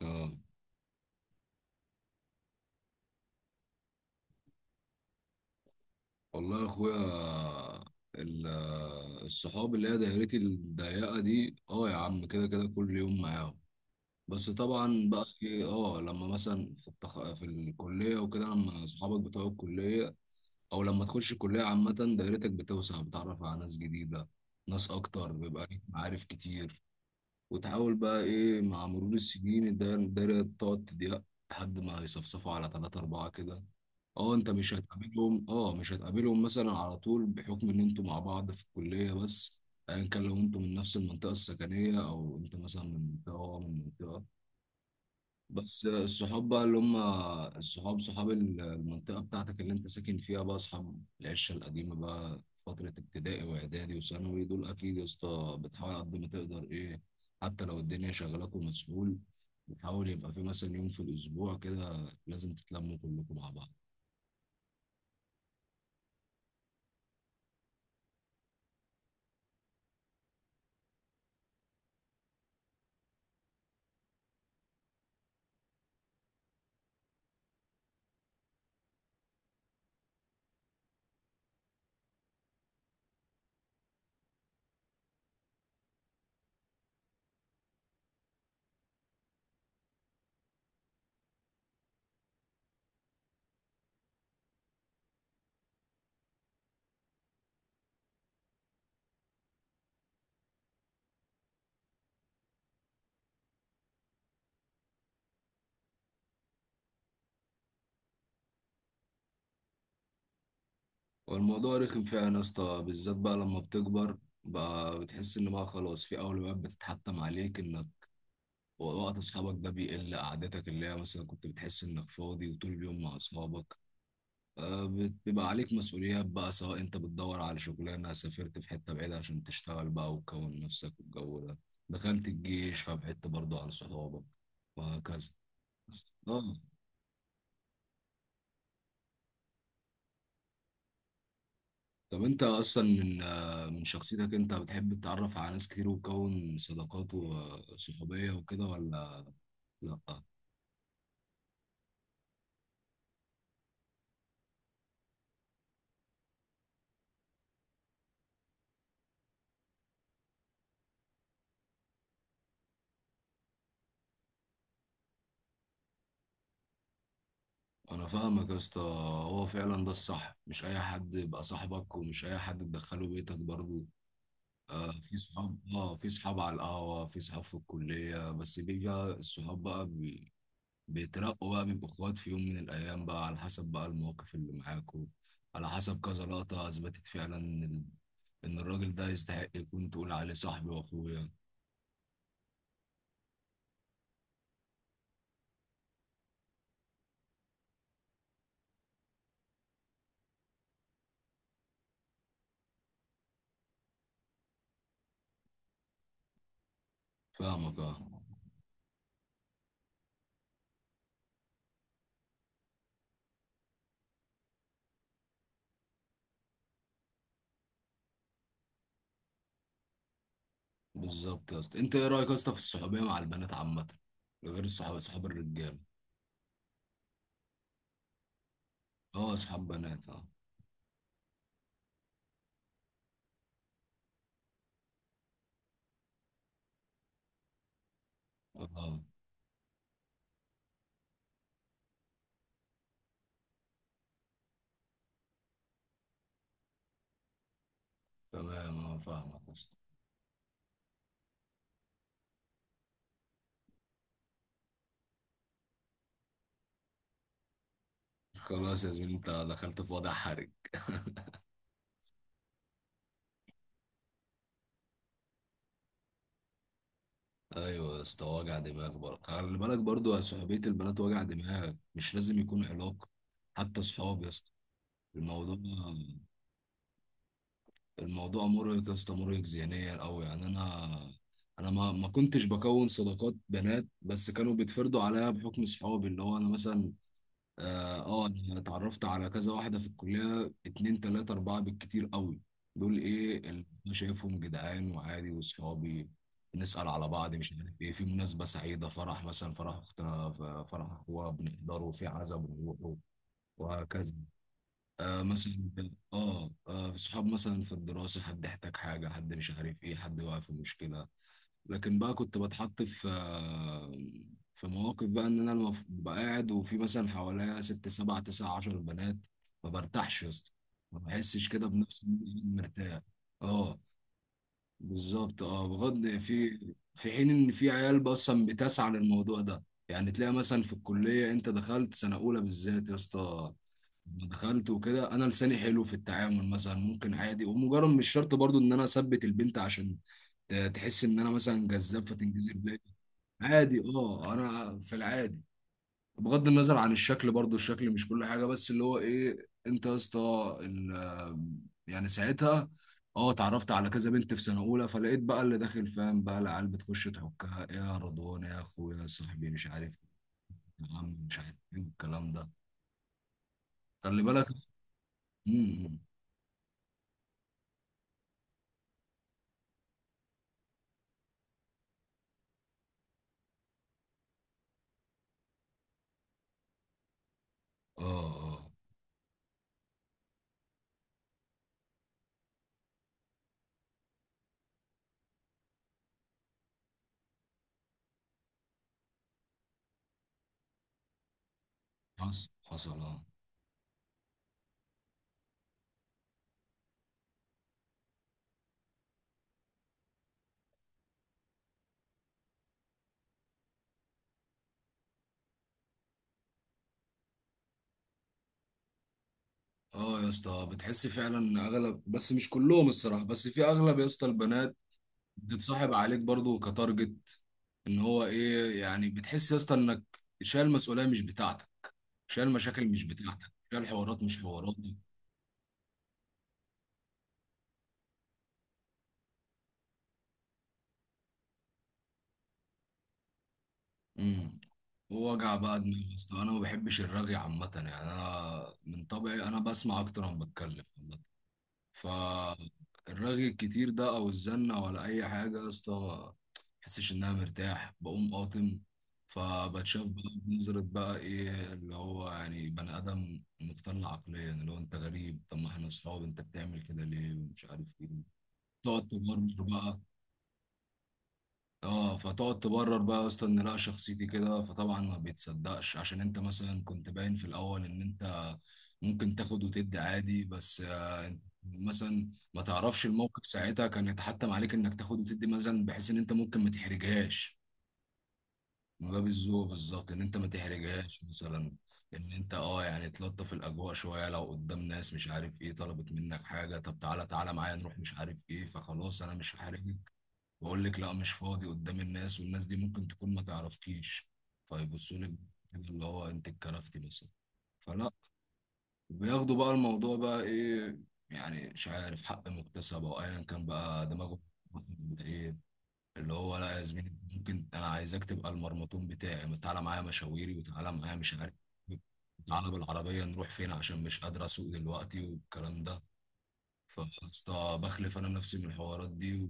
اه، والله يا اخويا، ال- الصحاب اللي هي دايرتي الضيقه دي اه يا عم كده كده كل يوم معاهم. بس طبعا بقى إيه، لما مثلا في الكليه وكده، لما اصحابك بتوع الكليه او لما تخش الكليه عامه، دايرتك بتوسع، بتتعرف على ناس جديده، ناس اكتر، بيبقى ليك معارف كتير. وتحاول بقى ايه مع مرور السنين، الدايرة تقعد تضيق لحد ما يصفصفوا على ثلاثة أربعة كده. اه، انت مش هتقابلهم، مثلا على طول، بحكم ان انتوا مع بعض في الكليه بس، ايا كان لو انتوا من نفس المنطقه السكنيه، او انت مثلا من منطقه وهو من منطقه. بس الصحاب بقى اللي هم الصحاب، صحاب المنطقه بتاعتك اللي انت ساكن فيها بقى، اصحاب العشه القديمه بقى، فتره ابتدائي واعدادي وثانوي، دول اكيد يا اسطى بتحاول قد ما تقدر ايه. حتى لو الدنيا شغلاك ومسؤول، بتحاول يبقى في مثلا يوم في الاسبوع كده لازم تتلموا كلكم مع بعض. والموضوع رخم فعلا يا اسطى، بالذات بقى لما بتكبر، بقى بتحس ان بقى خلاص في اولويات بتتحتم عليك، انك وقت اصحابك ده بيقل. قعدتك اللي هي مثلا كنت بتحس انك فاضي وطول اليوم مع اصحابك، آه، بيبقى عليك مسؤوليات بقى، سواء انت بتدور على شغلانه، سافرت في حته بعيده عشان تشتغل بقى وتكون نفسك والجو ده، دخلت الجيش فبعدت برضه عن صحابك، وهكذا. اه طب انت اصلا من من شخصيتك، انت بتحب تتعرف على ناس كتير وتكون صداقات وصحوبية وكده ولا؟ لا. انا فاهمك يا اسطى. هو فعلا ده الصح، مش اي حد يبقى صاحبك، ومش اي حد تدخله بيتك برضو. في صحاب، اه في صحاب على القهوة، في صحاب في الكلية، بس بيجي الصحاب بقى بيترقوا بقى، بيبقوا اخوات في يوم من الايام بقى، على حسب بقى المواقف اللي معاكوا، على حسب كذا لقطة اثبتت فعلا ان إن الراجل ده يستحق يكون تقول عليه صاحبي واخويا. فاهمك اه. بالظبط يا اسطى. انت ايه رايك يا اسطى في الصحوبية مع البنات عامة، غير الصحاب صحاب الرجاله؟ اه، صحاب بنات اه. اه تمام، اه فاهمك يا اسطى. خلاص يا زميلي، انت دخلت في وضع حرج. ايوه يا اسطى، وجع دماغ برضه، خلي بالك برضه، يا صحوبيه البنات وجع دماغ، مش لازم يكون علاقه، حتى صحاب يا اسطى. الموضوع الموضوع مرهق يا اسطى، مرهق ذهنيا قوي يعني. انا ما كنتش بكون صداقات بنات، بس كانوا بيتفرضوا عليا بحكم صحابي. اللي هو انا مثلا انا اتعرفت على كذا واحده في الكليه، اتنين تلاته اربعه بالكتير قوي. دول ايه اللي أنا شايفهم جدعان وعادي واصحابي، نسال على بعض، مش عارف ايه في مناسبه سعيده، فرح مثلا، فرح اختنا، فرح اخوها بنحضره، في عزا بنروحه، وهكذا. آه مثلا صحاب مثلا في الدراسه، حد احتاج حاجه، حد مش عارف ايه، حد واقع في مشكله. لكن بقى كنت بتحط في مواقف بقى، ان انا ببقى قاعد وفي مثلا حواليا ست سبع تسع عشر بنات، ما برتاحش يا اسطى، ما بحسش كده بنفسي إني مرتاح. اه بالظبط، اه بغض في، في حين ان في عيال اصلا بتسعى للموضوع ده، يعني تلاقي مثلا في الكليه انت دخلت سنه اولى بالذات يا اسطى، لما دخلت وكده، انا لساني حلو في التعامل مثلا، ممكن عادي، ومجرد مش شرط برضو ان انا اثبت البنت عشان تحس ان انا مثلا جذاب فتنجذب ليا. عادي، انا في العادي، بغض النظر عن الشكل برضو، الشكل مش كل حاجه، بس اللي هو ايه انت يا اسطى ال- يعني ساعتها اه اتعرفت على كذا بنت في سنه اولى، فلقيت بقى اللي داخل فاهم بقى، العيال بتخش تحكها، إيه يا رضوان يا اخويا يا صاحبي مش عارف إيه، يا عم مش عارف ايه الكلام ده، خلي بالك. امم، اه اه حصل اه يا اسطى، بتحس فعلا ان اغلب، بس مش كلهم الصراحه، بس في اغلب يا اسطى البنات بتتصاحب عليك برضو كتارجت، ان هو ايه يعني، بتحس يا اسطى انك شايل مسؤوليه مش بتاعتك، شايل مشاكل مش بتاعتك، شايل حوارات مش حواراتك. امم. ووجع بقى دماغ يا اسطى، انا ما بحبش الرغي عامه يعني، انا من طبعي انا بسمع اكتر ما بتكلم، فالرغي الكتير ده او الزنة ولا اي حاجة يا اسطى، ما بحسش ان انا مرتاح، بقوم قاطم. فبتشاف بقى بنظرة بقى، ايه، اللي هو يعني بني ادم مختل عقليا، اللي هو انت غريب، طب ما احنا اصحاب، انت بتعمل كده ليه، ومش عارف ايه، تقعد تمرمر بقى. اه، فتقعد تبرر بقى يا اسطى ان لا شخصيتي كده، فطبعا ما بيتصدقش، عشان انت مثلا كنت باين في الاول ان انت ممكن تاخد وتدي عادي، بس مثلا ما تعرفش الموقف ساعتها كان يتحتم عليك انك تاخد وتدي مثلا، بحيث ان انت ممكن ما تحرجهاش، من باب الذوق. بالظبط، ان انت ما تحرجهاش مثلا، ان انت اه يعني تلطف الاجواء شويه، لو قدام ناس مش عارف ايه طلبت منك حاجه، طب تعالى تعالى معايا نروح مش عارف ايه، فخلاص انا مش هحرجك، واقول لك لا مش فاضي قدام الناس، والناس دي ممكن تكون ما تعرفكيش، فيبصوا لك كده، اللي هو انت اتكرفتي مثلا، فلا. بياخدوا بقى الموضوع بقى ايه، يعني مش عارف، حق مكتسب او ايا كان بقى دماغه، ايه، اللي هو لا يا زميلي، ممكن انا عايزك تبقى المرمطون بتاعي، تعالى معايا مشاويري، وتعالى معايا مش عارف إيه. تعالى بالعربية نروح فين عشان مش قادر أسوق دلوقتي والكلام ده. فاسطى، بخلف أنا نفسي من الحوارات دي.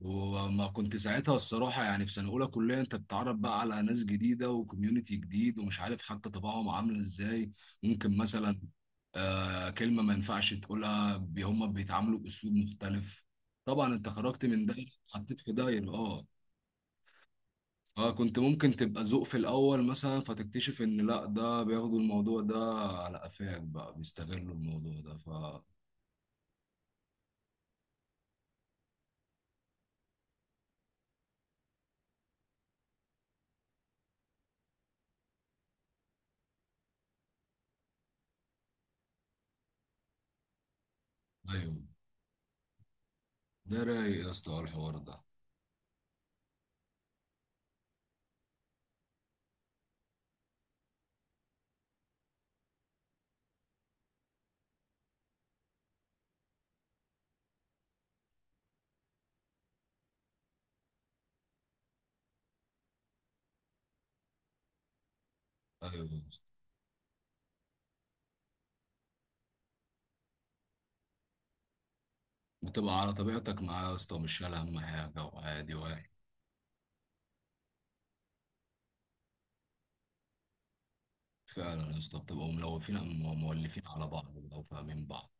وما كنت ساعتها الصراحة يعني، في سنة أولى كلية أنت بتتعرف بقى على ناس جديدة وكوميونيتي جديد، ومش عارف حتى طباعهم عاملة إزاي. ممكن مثلا كلمة ما ينفعش تقولها، هم بيتعاملوا بأسلوب مختلف. طبعا أنت خرجت من دايرة، حطيت في دايرة. فكنت ممكن تبقى ذوق في الأول مثلا، فتكتشف إن لأ، ده بياخدوا الموضوع ده على قفاك بقى، بيستغلوا الموضوع ده ف. أيوه، ده رايق يا اسطى الحوار ده. أيوه، بتبقى على طبيعتك معاه يا اسطى، مش شايل هم حاجة، وعادي واحد. فعلا يا اسطى بتبقوا ملوفين، مولفين على بعض، بيبقوا فاهمين بعض.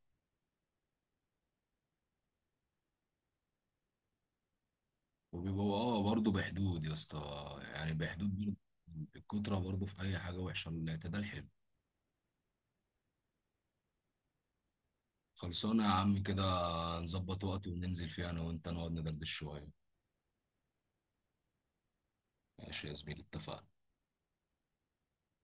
وبيبقوا برضه بحدود يا اسطى، يعني بحدود برضه. الكترة برضه في أي حاجة وحشة، الاعتدال حلو. خلصانة يا عم كده، نظبط وقت وننزل فيه أنا وأنت نقعد ندردش شوية. ماشي يا زميلي، اتفقنا.